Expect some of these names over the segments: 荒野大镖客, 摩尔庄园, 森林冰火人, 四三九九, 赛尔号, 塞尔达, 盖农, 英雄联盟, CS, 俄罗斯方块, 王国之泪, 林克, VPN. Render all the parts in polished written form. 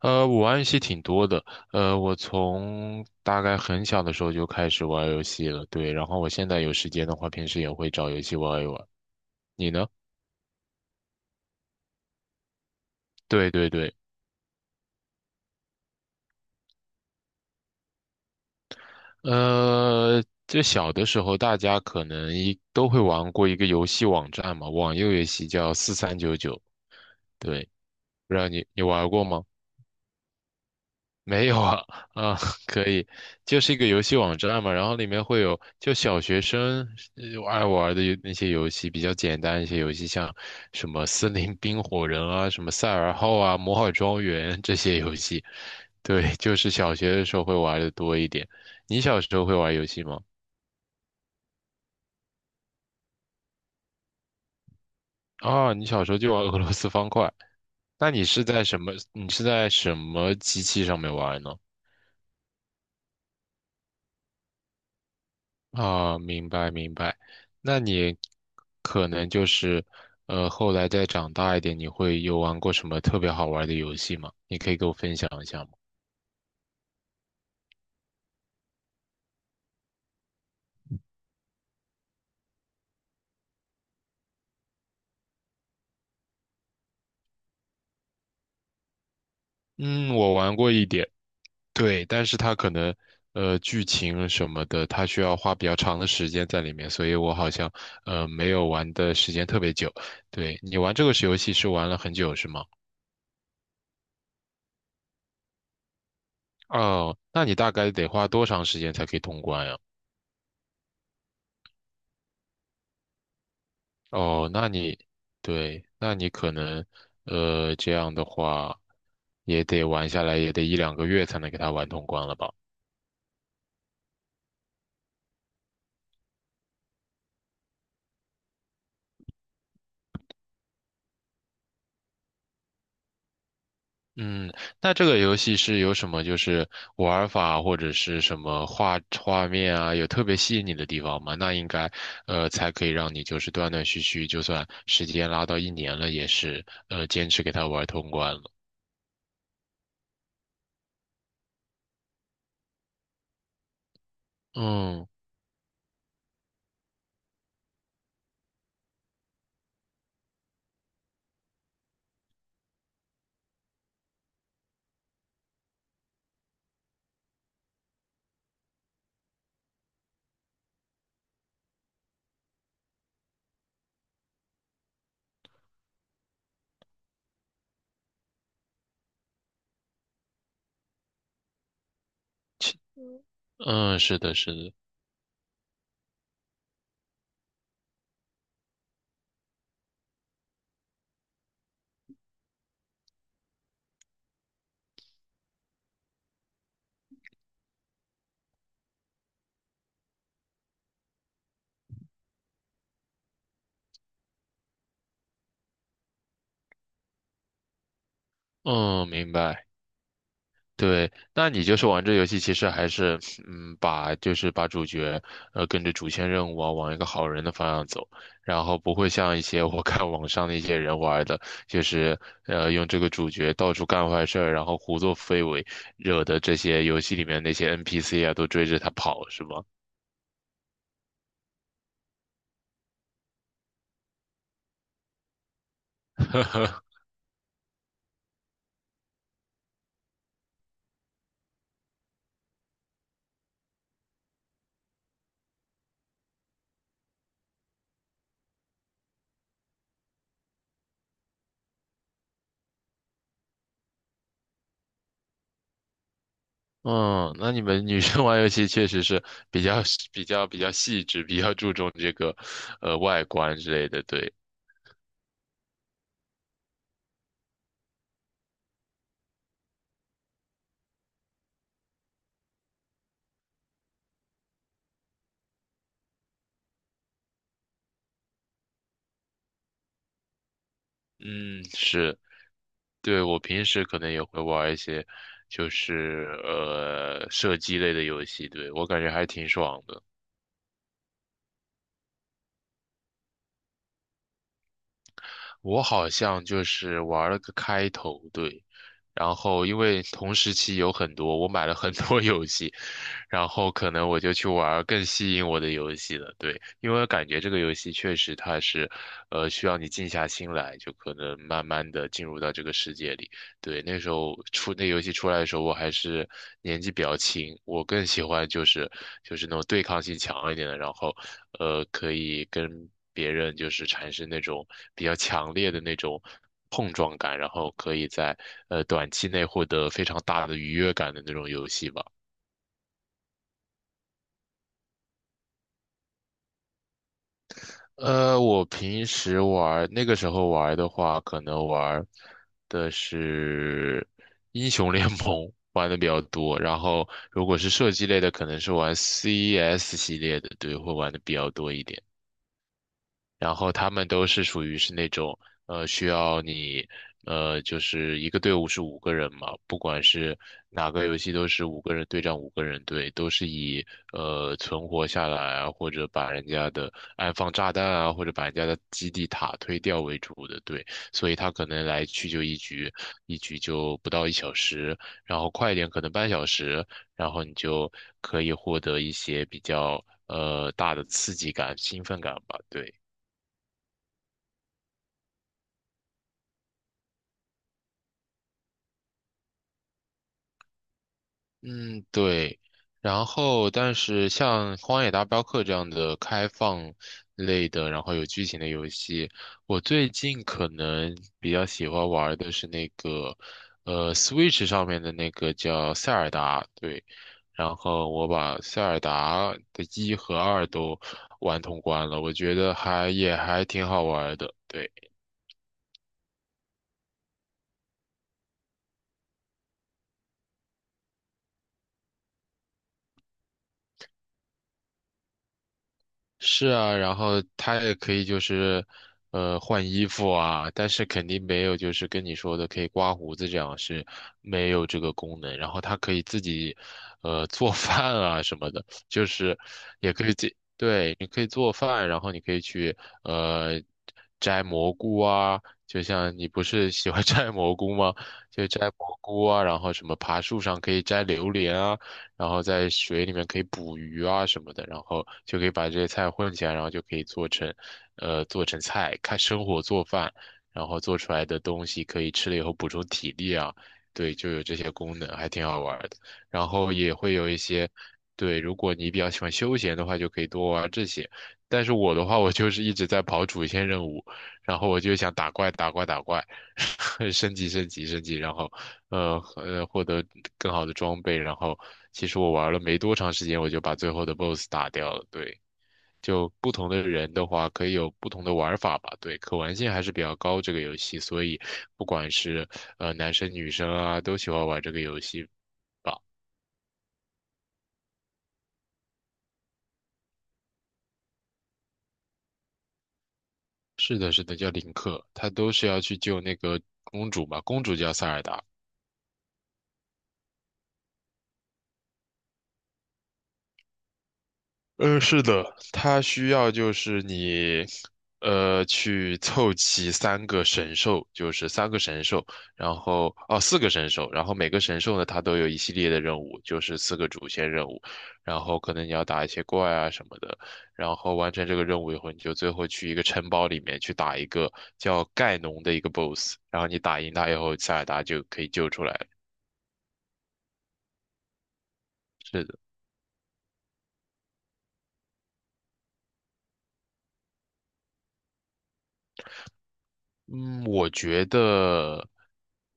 我玩游戏挺多的，我从大概很小的时候就开始玩游戏了，对，然后我现在有时间的话，平时也会找游戏玩一玩。你呢？对对对，这小的时候大家可能一都会玩过一个游戏网站嘛，网游游戏叫4399，对，不知道你玩过吗？没有啊，啊，可以，就是一个游戏网站嘛，然后里面会有就小学生爱玩的那些游戏，比较简单一些游戏，像什么森林冰火人啊，什么赛尔号啊，摩尔庄园这些游戏，对，就是小学的时候会玩的多一点。你小时候会玩游戏吗？啊，你小时候就玩 俄罗斯方块，那你是在什么？你是在什么机器上面玩呢？啊，明白明白。那你可能就是，后来再长大一点，你会有玩过什么特别好玩的游戏吗？你可以给我分享一下吗？嗯，我玩过一点，对，但是它可能，剧情什么的，它需要花比较长的时间在里面，所以我好像，没有玩的时间特别久。对，你玩这个游戏是玩了很久是吗？哦，那你大概得花多长时间才可以通关呀？哦，那你，对，那你可能，这样的话，也得玩下来，也得一两个月才能给它玩通关了吧？嗯，那这个游戏是有什么就是玩法或者是什么画画面啊，有特别吸引你的地方吗？那应该，才可以让你就是断断续续，就算时间拉到一年了，也是，坚持给它玩通关了。嗯嗯，是的，是的，嗯，明白。对，那你就是玩这游戏，其实还是，嗯，把就是把主角，跟着主线任务啊，往一个好人的方向走，然后不会像一些我看网上的一些人玩的，就是，用这个主角到处干坏事儿，然后胡作非为，惹的这些游戏里面那些 NPC 啊都追着他跑，是吗？嗯，那你们女生玩游戏确实是比较比较细致，比较注重这个，外观之类的，对。嗯，是。对，我平时可能也会玩一些，就是射击类的游戏，对，我感觉还挺爽的。我好像就是玩了个开头，对，然后因为同时期有很多，我买了很多 游戏，然后可能我就去玩儿更吸引我的游戏了。对，因为我感觉这个游戏确实它是，需要你静下心来，就可能慢慢的进入到这个世界里。对，那时候出那游戏出来的时候，我还是年纪比较轻，我更喜欢就是那种对抗性强一点的，然后可以跟别人就是产生那种比较强烈的那种碰撞感，然后可以在短期内获得非常大的愉悦感的那种游戏吧。我平时玩，那个时候玩的话，可能玩的是英雄联盟玩的比较多，然后如果是射击类的，可能是玩 CS 系列的，对，会玩的比较多一点。然后他们都是属于是那种需要你就是一个队伍是五个人嘛，不管是哪个游戏都是五个人对战五个人队，都是以存活下来啊，或者把人家的安放炸弹啊，或者把人家的基地塔推掉为主的队，所以他可能来去就一局，一局就不到1小时，然后快一点可能半小时，然后你就可以获得一些比较。大的刺激感、兴奋感吧，对。嗯，对。然后，但是像《荒野大镖客》这样的开放类的，然后有剧情的游戏，我最近可能比较喜欢玩的是那个，Switch 上面的那个叫《塞尔达》。对，然后我把《塞尔达》的一和二都玩通关了，我觉得还也还挺好玩的。对。是啊，然后它也可以就是，换衣服啊，但是肯定没有就是跟你说的可以刮胡子这样是没有这个功能。然后它可以自己，做 饭啊什么的，就是也可以自己，对，你可以做饭，然后你可以去呃摘蘑菇啊，就像你不是喜欢 摘蘑菇吗？就摘蘑菇啊，然后什么爬树上可以摘榴莲啊。然后在水里面可以捕鱼啊什么的，然后就可以把这些菜混起来，然后就可以做成，做成菜，看生火做饭，然后做出来的东西可以吃了以后补充体力啊，对，就有这些功能，还挺好玩的。然后也会有一些，对，如果你比较喜欢休闲的话，就可以多玩这些。但是我的话，我就是一直在跑主线任务，然后我就想打怪打怪打怪，升级升级升级，然后获得更好的装备，然后其实我玩了没多长时间，我就把最后的 BOSS 打掉了。对，就不同的人的话，可以有不同的玩法吧。对，可玩性还是比较高这个游戏，所以不管是男生女生啊，都喜欢玩这个游戏吧。是的，是的，叫林克，他都是要去救那个公主嘛，公主叫塞尔达。嗯，是的，它需要就是你，去凑齐三个神兽，就是三个神兽，然后哦，4个神兽，然后每个神兽呢，它都有一系列的任务，就是4个主线任务，然后可能你要打一些怪啊什么的，然后完成这个任务以后，你就最后去一个城堡里面去打一个叫盖农的一个 BOSS，然后你打赢他以后，塞尔达就可以救出来。是的。嗯，我觉得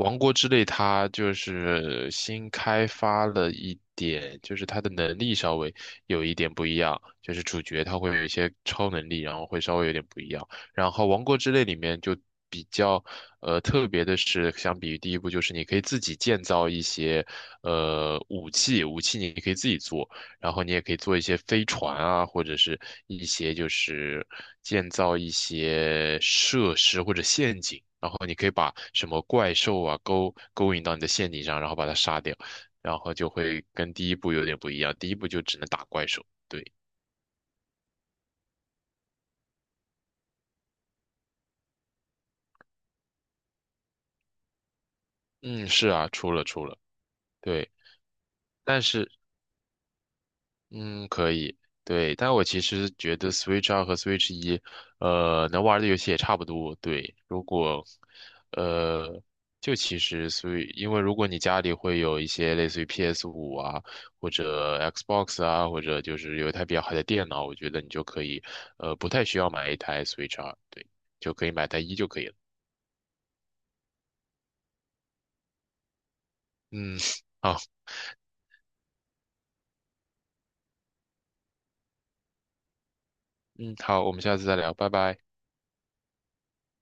《王国之泪》它就是新开发了一点，就是它的能力稍微有一点不一样，就是主角他会有一些超能力，然后会稍微有点不一样。然后《王国之泪》里面就比较特别的是，相比于第一部，就是你可以自己建造一些武器，武器你可以自己做。然后你也可以做一些飞船啊，或者是一些就是建造一些设施或者陷阱，然后你可以把什么怪兽啊勾引到你的陷阱上，然后把它杀掉，然后就会跟第一部有点不一样，第一部就只能打怪兽。对，嗯，是啊，出了出了，对，但是嗯，可以，对，但我其实觉得 Switch 二和 Switch 1，能玩的游戏也差不多。对，如果，呃，就其实 Switch，因为如果你家里会有一些类似于 PS5啊，或者 Xbox 啊，或者就是有一台比较好的电脑，我觉得你就可以，不太需要买一台 Switch 二，对，就可以买台一就可以了。嗯，好，嗯，好，我们下次再聊，拜拜。